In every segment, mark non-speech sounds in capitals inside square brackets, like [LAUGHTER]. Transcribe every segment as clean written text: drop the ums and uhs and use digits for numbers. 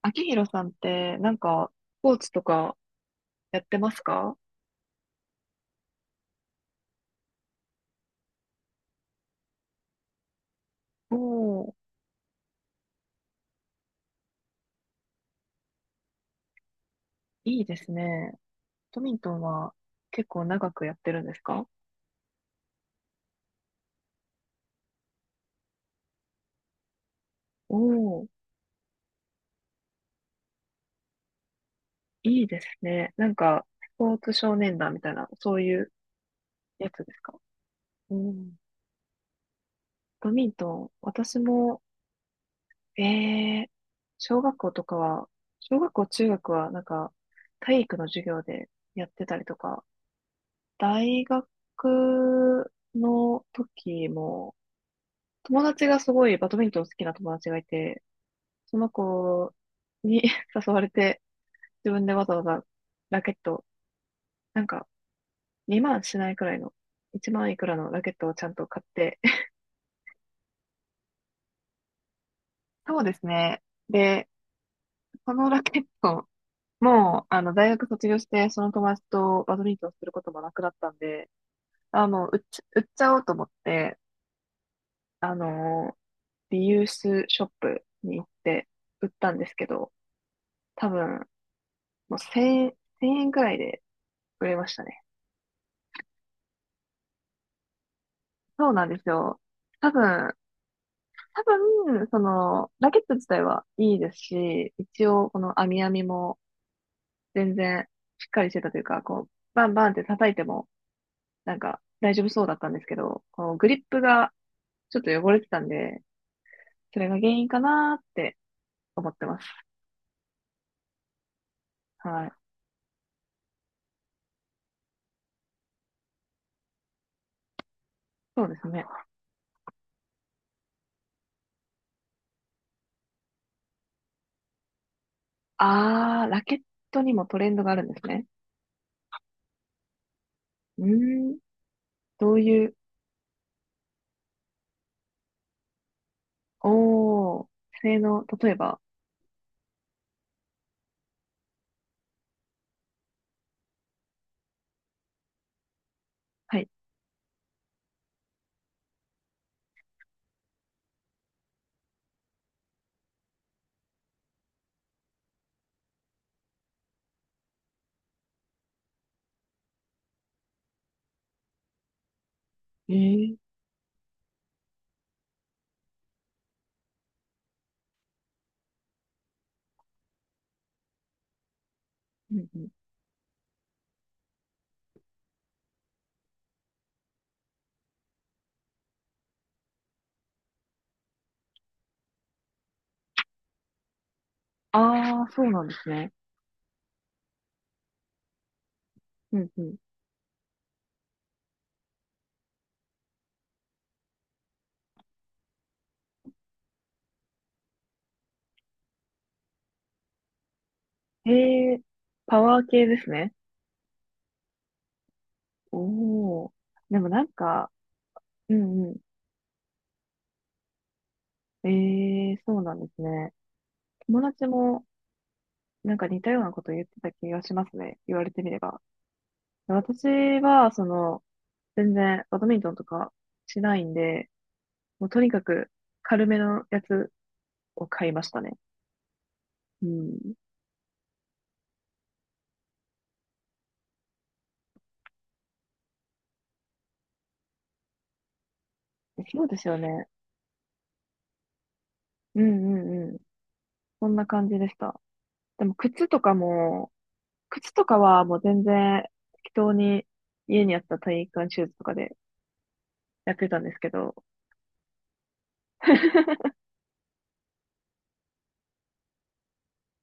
秋広さんって、なんか、スポーツとかやってますか？おー、いいですね。トミントンは結構長くやってるんですか？おー、いいですね。なんか、スポーツ少年団みたいな、そういうやつですか？うん。トミントン、私も、ええ、小学校とかは、小学校、中学は、なんか、体育の授業でやってたりとか、大学の時も、友達がすごいバドミントン好きな友達がいて、その子に [LAUGHS] 誘われて、自分でわざわざラケット、なんか2万しないくらいの、1万いくらのラケットをちゃんと買って、[LAUGHS] そうですね。で、そのラケット、もう、あの、大学卒業して、その友達とバドミントンすることもなくなったんで、あの、売っちゃおうと思って、あの、リユースショップに行って売ったんですけど、多分、もう1円、1000円くらいで、くれましたね。そうなんですよ。多分、多分、その、ラケット自体はいいですし、一応、この網網も全然しっかりしてたというか、こう、バンバンって叩いても、なんか大丈夫そうだったんですけど、このグリップがちょっと汚れてたんで、それが原因かなーって思ってます。はい。そうですね。あー、ラケットにもトレンドがあるんですね。うーん、どういう、おー、性能、例えば、はい。えー、うんうん、ああ、そうなんですね。うんうん。へえ、パワー系ですね。おお。でもなんか、うんうん。ええ、そうなんですね。友達もなんか似たようなこと言ってた気がしますね。言われてみれば。私は、その、全然バドミントンとかしないんで、もうとにかく軽めのやつを買いましたね。うん。そうですよね。うんうんうん。そんな感じでした。でも靴とかも、靴とかはもう全然適当に家にあった体育館シューズとかでやってたんですけど、[LAUGHS]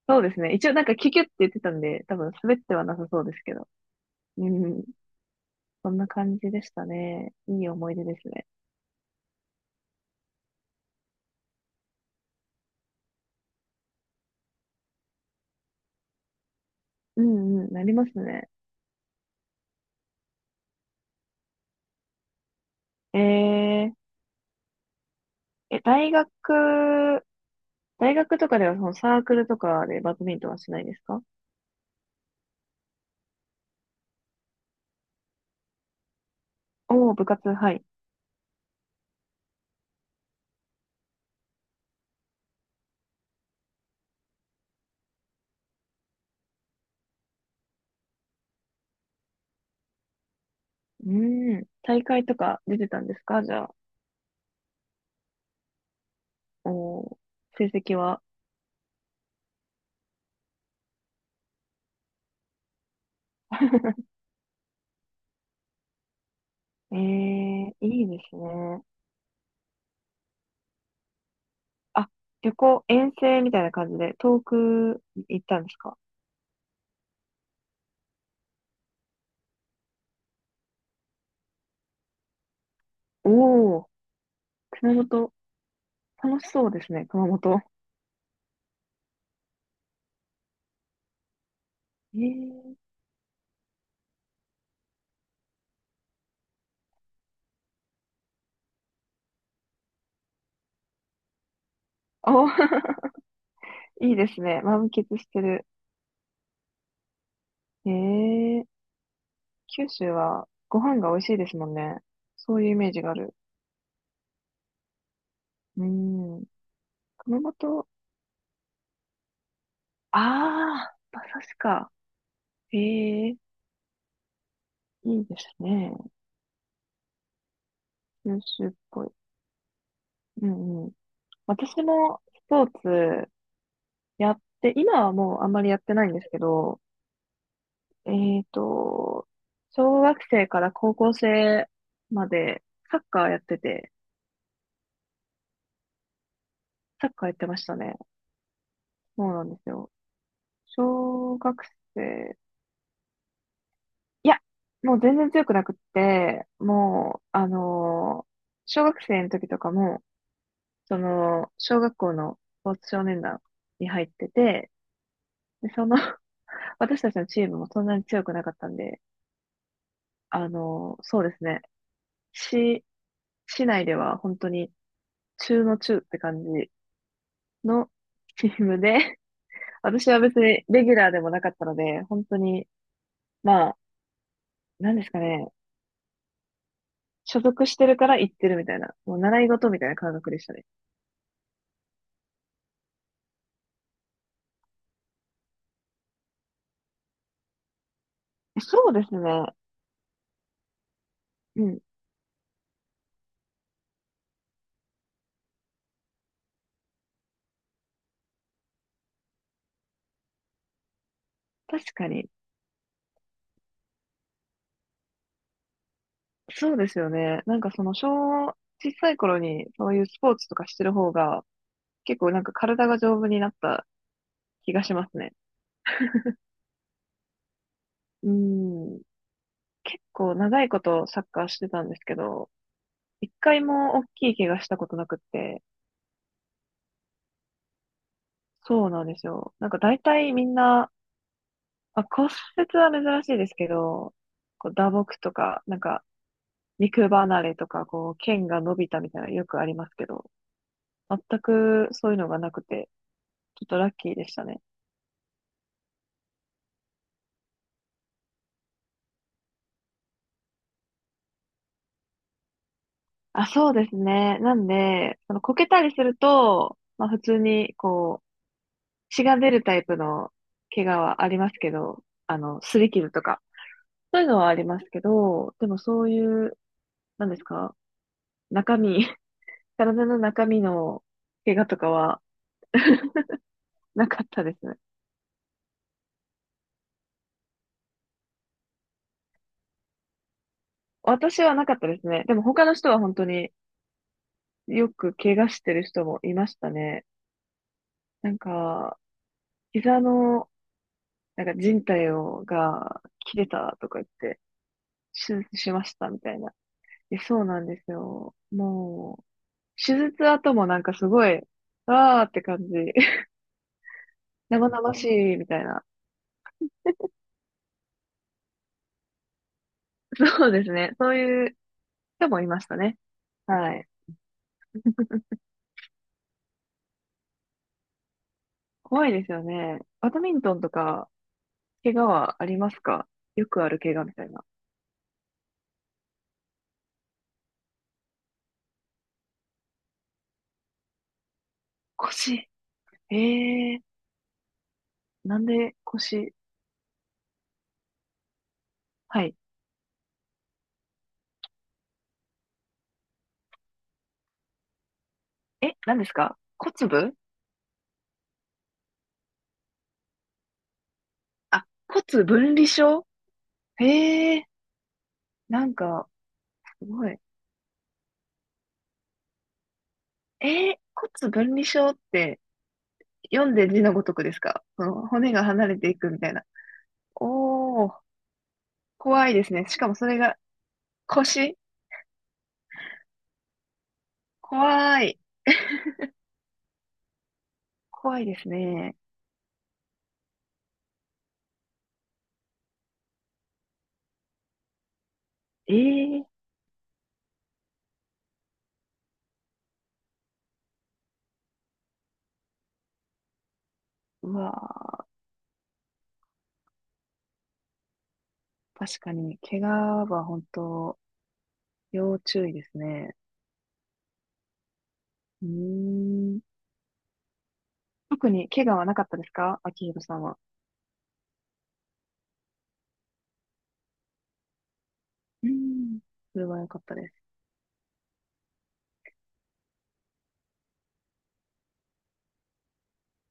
そうですね。一応なんかキュキュって言ってたんで、多分滑ってはなさそうですけど。うん。そんな感じでしたね。いい思い出ですね。うんうん、なりますね。えー、え、大学、大学とかではそのサークルとかでバドミントンはしないですか？おおー、部活、はい。うん。大会とか出てたんですかじゃあ？おー、成績は？ええ、いいですね。あ、旅行、遠征みたいな感じで、遠く行ったんですか？おおー、熊本、楽しそうですね、熊本。ええ、あ、[LAUGHS] いいですね。満喫してる。ええ、九州はご飯が美味しいですもんね。そういうイメージがある。うん。熊本、ああ、馬刺しか。ええ、いいですね。九州っぽい。うんうん。私もスポーツやって、今はもうあんまりやってないんですけど、えっと、小学生から高校生までサッカーやってて、サッカーやってましたね。そうなんですよ。小学生、いや、もう全然強くなくって、もう、小学生の時とかも、その、小学校のスポーツ少年団に入ってて、で、その [LAUGHS] 私たちのチームもそんなに強くなかったんで、そうですね。し市内では本当に中の中って感じの [LAUGHS] チームで、[LAUGHS] 私は別にレギュラーでもなかったので、本当に、まあ、なんですかね、所属してるから行ってるみたいな、もう習い事みたいな感覚でしたね。そうですね。うん。確かに。そうですよね。なんかその小さい頃にそういうスポーツとかしてる方が、結構なんか体が丈夫になった気がしますね。うん。結構長いことサッカーしてたんですけど、一回も大きい怪我したことなくって、そうなんですよ。なんか大体みんな、まあ、骨折は珍しいですけど、こう打撲とか、なんか肉離れとか、こう、剣が伸びたみたいなのよくありますけど、全くそういうのがなくて、ちょっとラッキーでしたね。あ、そうですね。なんで、そのこけたりすると、まあ普通に、こう、血が出るタイプの怪我はありますけど、あの、擦り傷とか、そういうのはありますけど、でもそういう、なんですか、中身、[LAUGHS] 体の中身の怪我とかはなかったですね。私はなかったですね。でも他の人は本当によく怪我してる人もいましたね。なんか、膝の、なんか靭帯をが切れたとか言って、手術しましたみたいな。いや、そうなんですよ。もう、手術後もなんかすごい、わーって感じ。[LAUGHS] 生々しいみたいな。そうですね。そういう人もいましたね。はい。怖いですよね。バドミントンとか、怪我はありますか？よくある怪我みたいな。腰。ええー、なんで腰？はい。え、何ですか？あ、骨分離症、ええー、なんか、すごい。骨分離症って読んで字のごとくですか？その骨が離れていくみたいな。おー、怖いですね。しかもそれが腰？怖い。怖いですね。ええー、うわー、確かに、怪我は本当、要注意ですね。うーん。特に怪我はなかったですか秋広さんは？うん。それは良かったです。